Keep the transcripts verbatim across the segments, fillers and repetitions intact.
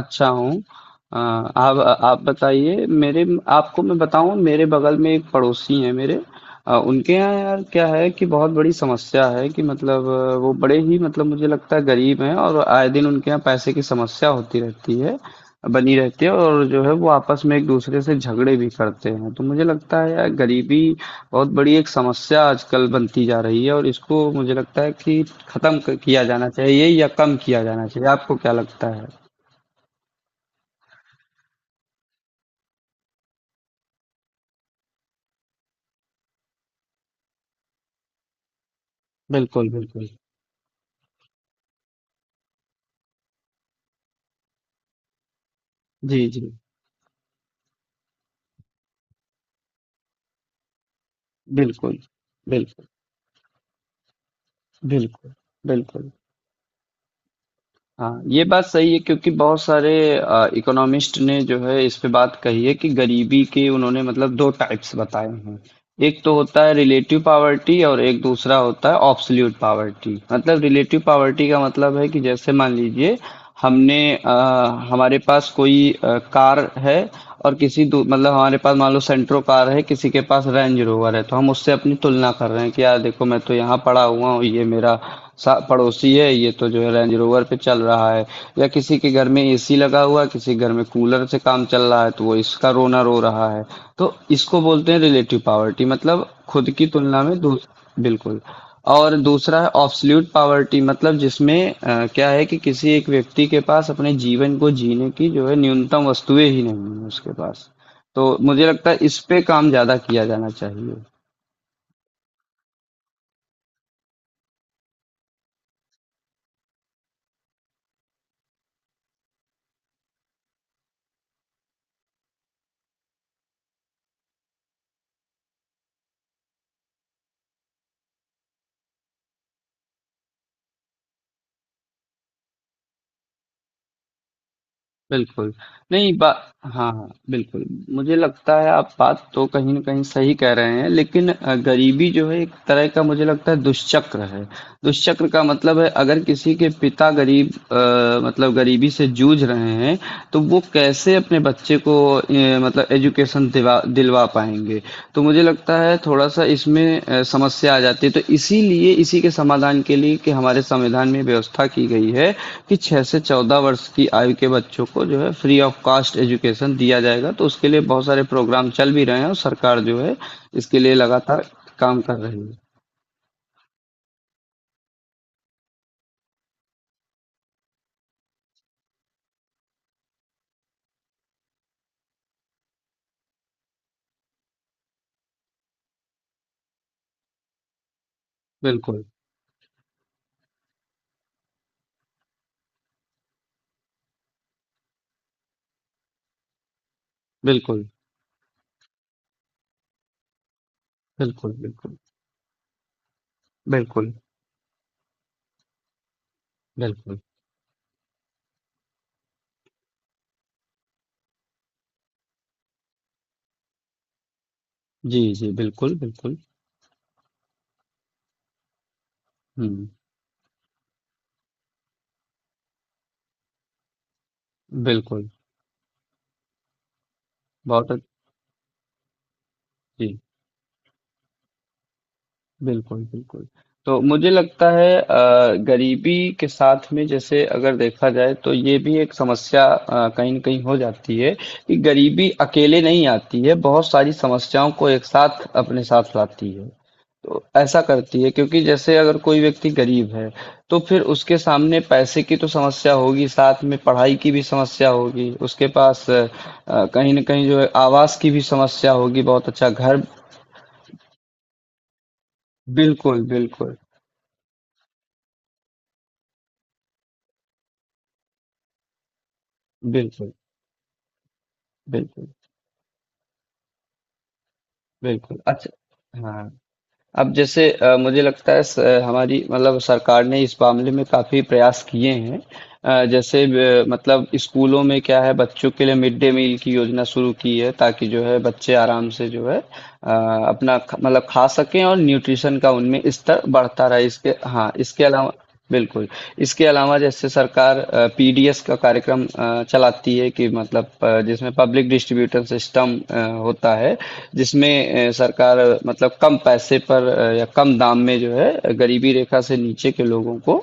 अच्छा हूँ। अ, आप आप बताइए मेरे। आपको मैं बताऊँ, मेरे बगल में एक पड़ोसी हैं मेरे। अ, उनके यहाँ यार क्या है कि बहुत बड़ी समस्या है कि मतलब अ, वो बड़े ही, मतलब मुझे लगता है, गरीब हैं और आए दिन उनके यहाँ पैसे की समस्या होती रहती है, बनी रहती है। और जो है, वो आपस में एक दूसरे से झगड़े भी करते हैं। तो मुझे लगता है यार गरीबी बहुत बड़ी एक समस्या आजकल बनती जा रही है और इसको मुझे लगता है कि खत्म क- किया जाना चाहिए या कम किया जाना चाहिए। आपको क्या लगता है? बिल्कुल, बिल्कुल। जी, जी। बिल्कुल, बिल्कुल, बिल्कुल, बिल्कुल। हाँ, ये बात सही है क्योंकि बहुत सारे इकोनॉमिस्ट ने जो है इस पे बात कही है कि गरीबी के उन्होंने मतलब दो टाइप्स बताए हैं। एक तो होता है रिलेटिव पावर्टी और एक दूसरा होता है ऑब्सोल्यूट पावर्टी। मतलब रिलेटिव पावर्टी का मतलब है कि जैसे मान लीजिए हमने अ, हमारे पास कोई अ, कार है और किसी दू- मतलब हमारे पास मान लो सेंट्रो कार है, किसी के पास रेंज रोवर है, तो हम उससे अपनी तुलना कर रहे हैं कि यार देखो, मैं तो यहाँ पड़ा हुआ हूँ, ये मेरा सा पड़ोसी है, ये तो जो है रेंज रोवर पे चल रहा है। या किसी के घर में एसी लगा हुआ है, किसी के घर में कूलर से काम चल रहा है, तो वो इसका रोना रो रहा है। तो इसको बोलते हैं रिलेटिव पावर्टी। मतलब खुद की तुलना में दूस बिल्कुल। और दूसरा है ऑब्सोल्यूट पावर्टी। मतलब जिसमें अ, क्या है कि किसी एक व्यक्ति के पास अपने जीवन को जीने की जो है न्यूनतम वस्तुएं ही नहीं है उसके पास। तो मुझे लगता है इस पे काम ज्यादा किया जाना चाहिए। बिल्कुल। नहीं बा हाँ, हाँ, बिल्कुल। मुझे लगता है आप बात तो कहीं न कहीं सही कह रहे हैं, लेकिन अ, गरीबी जो है एक तरह का मुझे लगता है दुष्चक्र है। दुष्चक्र का मतलब है अगर किसी के पिता गरीब, अ, मतलब गरीबी से जूझ रहे हैं, तो वो कैसे अपने बच्चे को ए, मतलब एजुकेशन दिवा दिलवा पाएँगे। तो मुझे लगता है थोड़ा-सा इसमें अ, समस्या आ जाती है। तो इसीलिए इसी के समाधान के लिए कि हमारे संविधान में व्यवस्था की गई है कि छह से चौदह वर्ष की आयु के बच्चों को जो है फ्री ऑफ कॉस्ट एजुकेशन दिया जाएगा। तो उसके लिए बहुत सारे प्रोग्राम चल भी रहे हैं और सरकार जो है इसके लिए लगातार काम कर रही है। बिल्कुल, बिल्कुल, बिल्कुल, बिल्कुल, बिल्कुल, बिल्कुल। जी, जी, बिल्कुल, बिल्कुल। हुँ, बिल्कुल। बहुत अच्छ जी। बिल्कुल, बिल्कुल। तो मुझे लगता है अ, गरीबी के साथ में जैसे अगर देखा जाए तो ये भी एक समस्या अ, कहीं न कहीं हो जाती है कि गरीबी अकेले नहीं आती है, बहुत सारी समस्याओं को एक साथ अपने साथ लाती है। तो ऐसा करती है क्योंकि जैसे अगर कोई व्यक्ति गरीब है तो फिर उसके सामने पैसे की तो समस्या होगी, साथ में पढ़ाई की भी समस्या होगी, उसके पास अ, अ, कहीं ना कहीं जो है आवास की भी समस्या होगी, बहुत अच्छा घर। बिल्कुल, बिल्कुल, बिल्कुल, बिल्कुल, बिल्कुल। अच्छा, हाँ। अब जैसे अ, मुझे लगता है स- हमारी मतलब सरकार ने इस मामले में काफी प्रयास किए हैं। अ, जैसे अ, मतलब स्कूलों में क्या है बच्चों के लिए मिड डे मील की योजना शुरू की है ताकि जो है बच्चे आराम से जो है अ, अपना ख- मतलब खा सकें और न्यूट्रिशन का उनमें स्तर बढ़ता रहे। इसके, हाँ, इसके अलावा, बिल्कुल। इसके अलावा जैसे सरकार पीडीएस का कार्यक्रम अ, चलाती है कि मतलब अ, जिसमें पब्लिक डिस्ट्रीब्यूटर सिस्टम होता है, जिसमें अ, सरकार अ, मतलब कम पैसे पर अ, या कम दाम में जो है अ, गरीबी रेखा से नीचे के लोगों को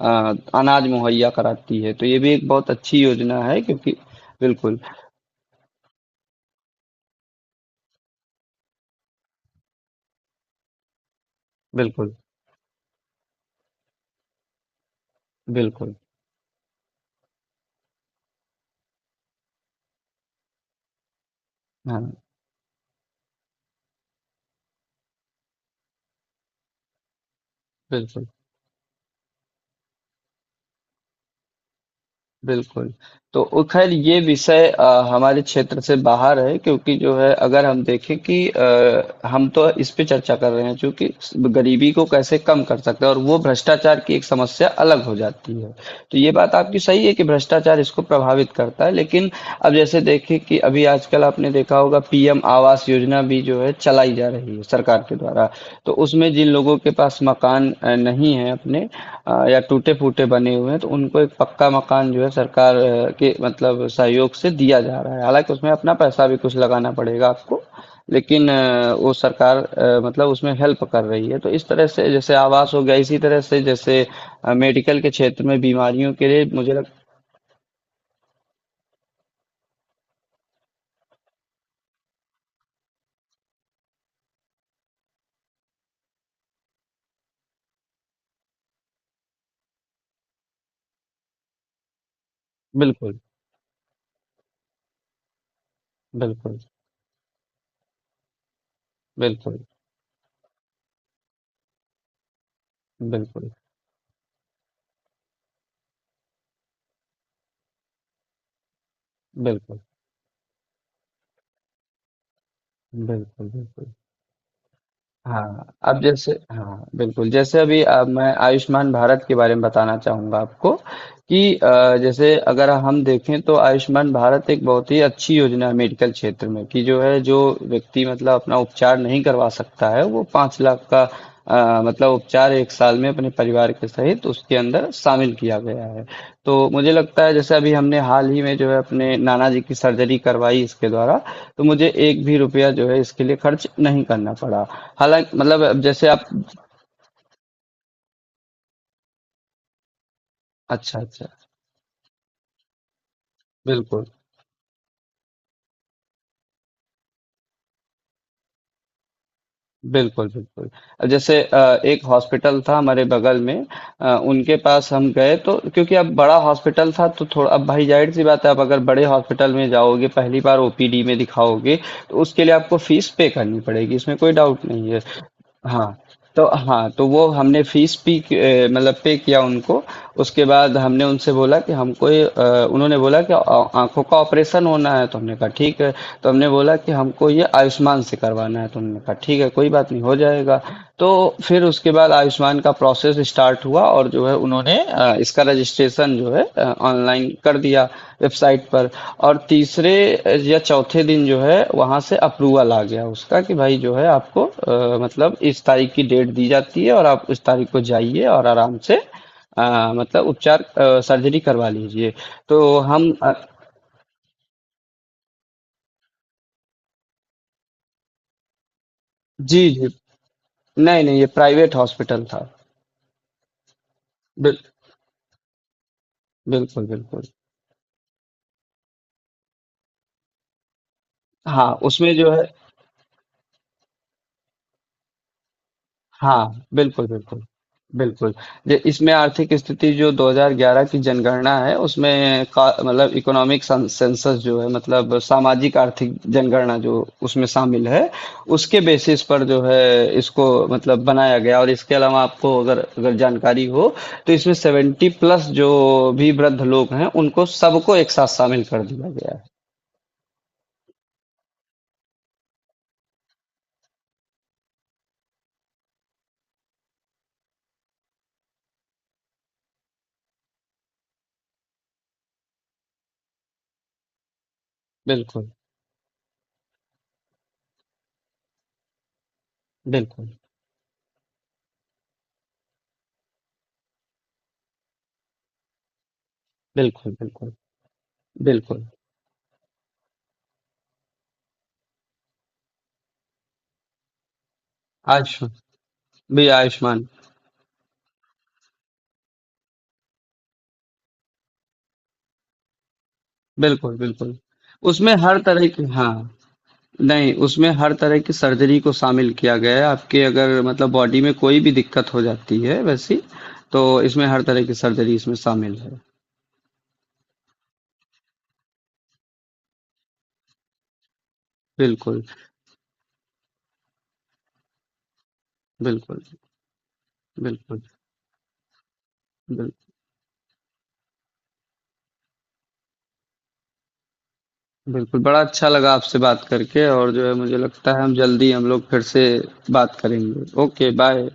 अ, अनाज मुहैया कराती है, तो ये भी एक बहुत अच्छी योजना है क्योंकि बिल्कुल, बिल्कुल, बिल्कुल। हाँ, बिल्कुल। बिल्कुल। तो वो ख़ैर, ये विषय अ, हमारे क्षेत्र से बाहर है क्योंकि जो है अगर हम देखें कि अ, हम तो इस पे चर्चा कर रहे हैं चूँकि गरीबी को कैसे कम कर सकते हैं, और वो भ्रष्टाचार की एक समस्या अलग हो जाती है। तो ये बात आपकी सही है कि भ्रष्टाचार इसको प्रभावित करता है, लेकिन अब जैसे देखें कि अभी आजकल आपने देखा होगा पीएम आवास योजना भी जो है चलाई जा रही है सरकार के द्वारा। तो उसमें जिन लोगों के पास मकान अ, नहीं है अपने, अ, या टूटे फूटे बने हुए हैं, तो उनको एक पक्का मकान जो है सरकार अ, के मतलब सहयोग से दिया जा रहा है, हालांकि उसमें अपना पैसा भी कुछ लगाना पड़ेगा आपको। लेकिन अ, वो सरकार, अ, मतलब उसमें हेल्प कर रही है। तो इस तरह से जैसे आवास हो गया, इसी तरह से जैसे अ, मेडिकल के क्षेत्र में बीमारियों के लिए मुझे लग। बिल्कुल, बिल्कुल, बिल्कुल, बिल्कुल, बिल्कुल, बिल्कुल, बिल्कुल। हाँ, अब जैसे, हाँ, बिल्कुल। जैसे अभी अ, मैं आयुष्मान भारत के बारे में बताना चाहूँगा आपको कि अ, जैसे अगर हम देखें तो आयुष्मान भारत एक बहुत ही अच्छी योजना है मेडिकल क्षेत्र में कि जो है जो व्यक्ति मतलब अपना उपचार नहीं करवा सकता है, वो पाँच लाख का, अ, मतलब उपचार एक साल में अपने परिवार के सहित उसके अंदर शामिल किया गया है। तो मुझे लगता है जैसे अभी हमने हाल ही में जो है अपने नाना जी की सर्जरी करवाई इसके द्वारा। तो मुझे एक भी रुपया जो है इसके लिए खर्च नहीं करना पड़ा। हालांकि मतलब, अब जैसे आप, अच्छा, अच्छा। बिल्कुल, बिल्कुल, बिल्कुल। जैसे अ, एक हॉस्पिटल था हमारे बगल में। अ, उनके पास हम गए, तो क्योंकि अब बड़ा हॉस्पिटल था, तो थोड़ा अब भाई, जाहिर सी बात है आप अगर बड़े हॉस्पिटल में जाओगे, पहली बार ओपीडी में दिखाओगे, तो उसके लिए आपको फीस पे करनी पड़ेगी, इसमें कोई डाउट नहीं है। हाँ, तो हाँ, तो वो हमने फीस भी क- अ, मतलब पे किया उनको। उसके बाद हमने उनसे बोला कि हमको ये अ, उन्होंने बोला कि आ- आँखों का ऑपरेशन होना है, तो हमने कहा ठीक है। तो हमने बोला कि हमको ये आयुष्मान से करवाना है, तो उन्होंने कहा ठीक है, कोई बात नहीं, हो जाएगा। तो फिर उसके बाद आयुष्मान का प्रोसेस स्टार्ट हुआ और जो है उन्होंने अ, इसका रजिस्ट्रेशन जो है ऑनलाइन कर दिया वेबसाइट पर। और तीसरे या चौथे दिन जो है वहां से अप्रूवल आ गया उसका कि भाई जो है आपको अ, मतलब इस तारीख की डेट दी जाती है और आप इस तारीख को जाइए और आराम से अ, मतलब उपचार अ, सर्जरी करवा लीजिए। तो हम अ, जी, जी, नहीं, नहीं, ये प्राइवेट हॉस्पिटल था। बिल, बिल्कुल, बिल्कुल। हाँ, उसमें जो है, हाँ, बिल्कुल, बिल्कुल, बिल्कुल। जे इसमें आर्थिक स्थिति जो दो हज़ार ग्यारह की जनगणना है, उसमें का मतलब इकोनॉमिक सन सेंसस जो है, मतलब सामाजिक आर्थिक जनगणना जो उसमें शामिल है, उसके बेसिस पर जो है इसको मतलब बनाया गया। और इसके अलावा आपको अगर अगर जानकारी हो, तो इसमें सत्तर प्लस जो भी वृद्ध लोग हैं, उनको सबको एक साथ शामिल कर दिया गया है। बिल्कुल, बिल्कुल, बिल्कुल, बिल्कुल, बिल्कुल। आयुष्मान भी आयुष्मान। बिल्कुल, बिल्कुल। उसमें हर तरह की, हाँ, नहीं, उसमें हर तरह की सर्जरी को शामिल किया गया है। आपके अगर मतलब बॉडी में कोई भी दिक्कत हो जाती है वैसी, तो इसमें हर तरह की सर्जरी इसमें शामिल है। बिल्कुल, बिल्कुल, बिल्कुल, बिल बिल्कुल, बड़ा अच्छा लगा आपसे बात करके और जो है मुझे लगता है हम जल्दी, हम लोग फिर से बात करेंगे। Okay, bye.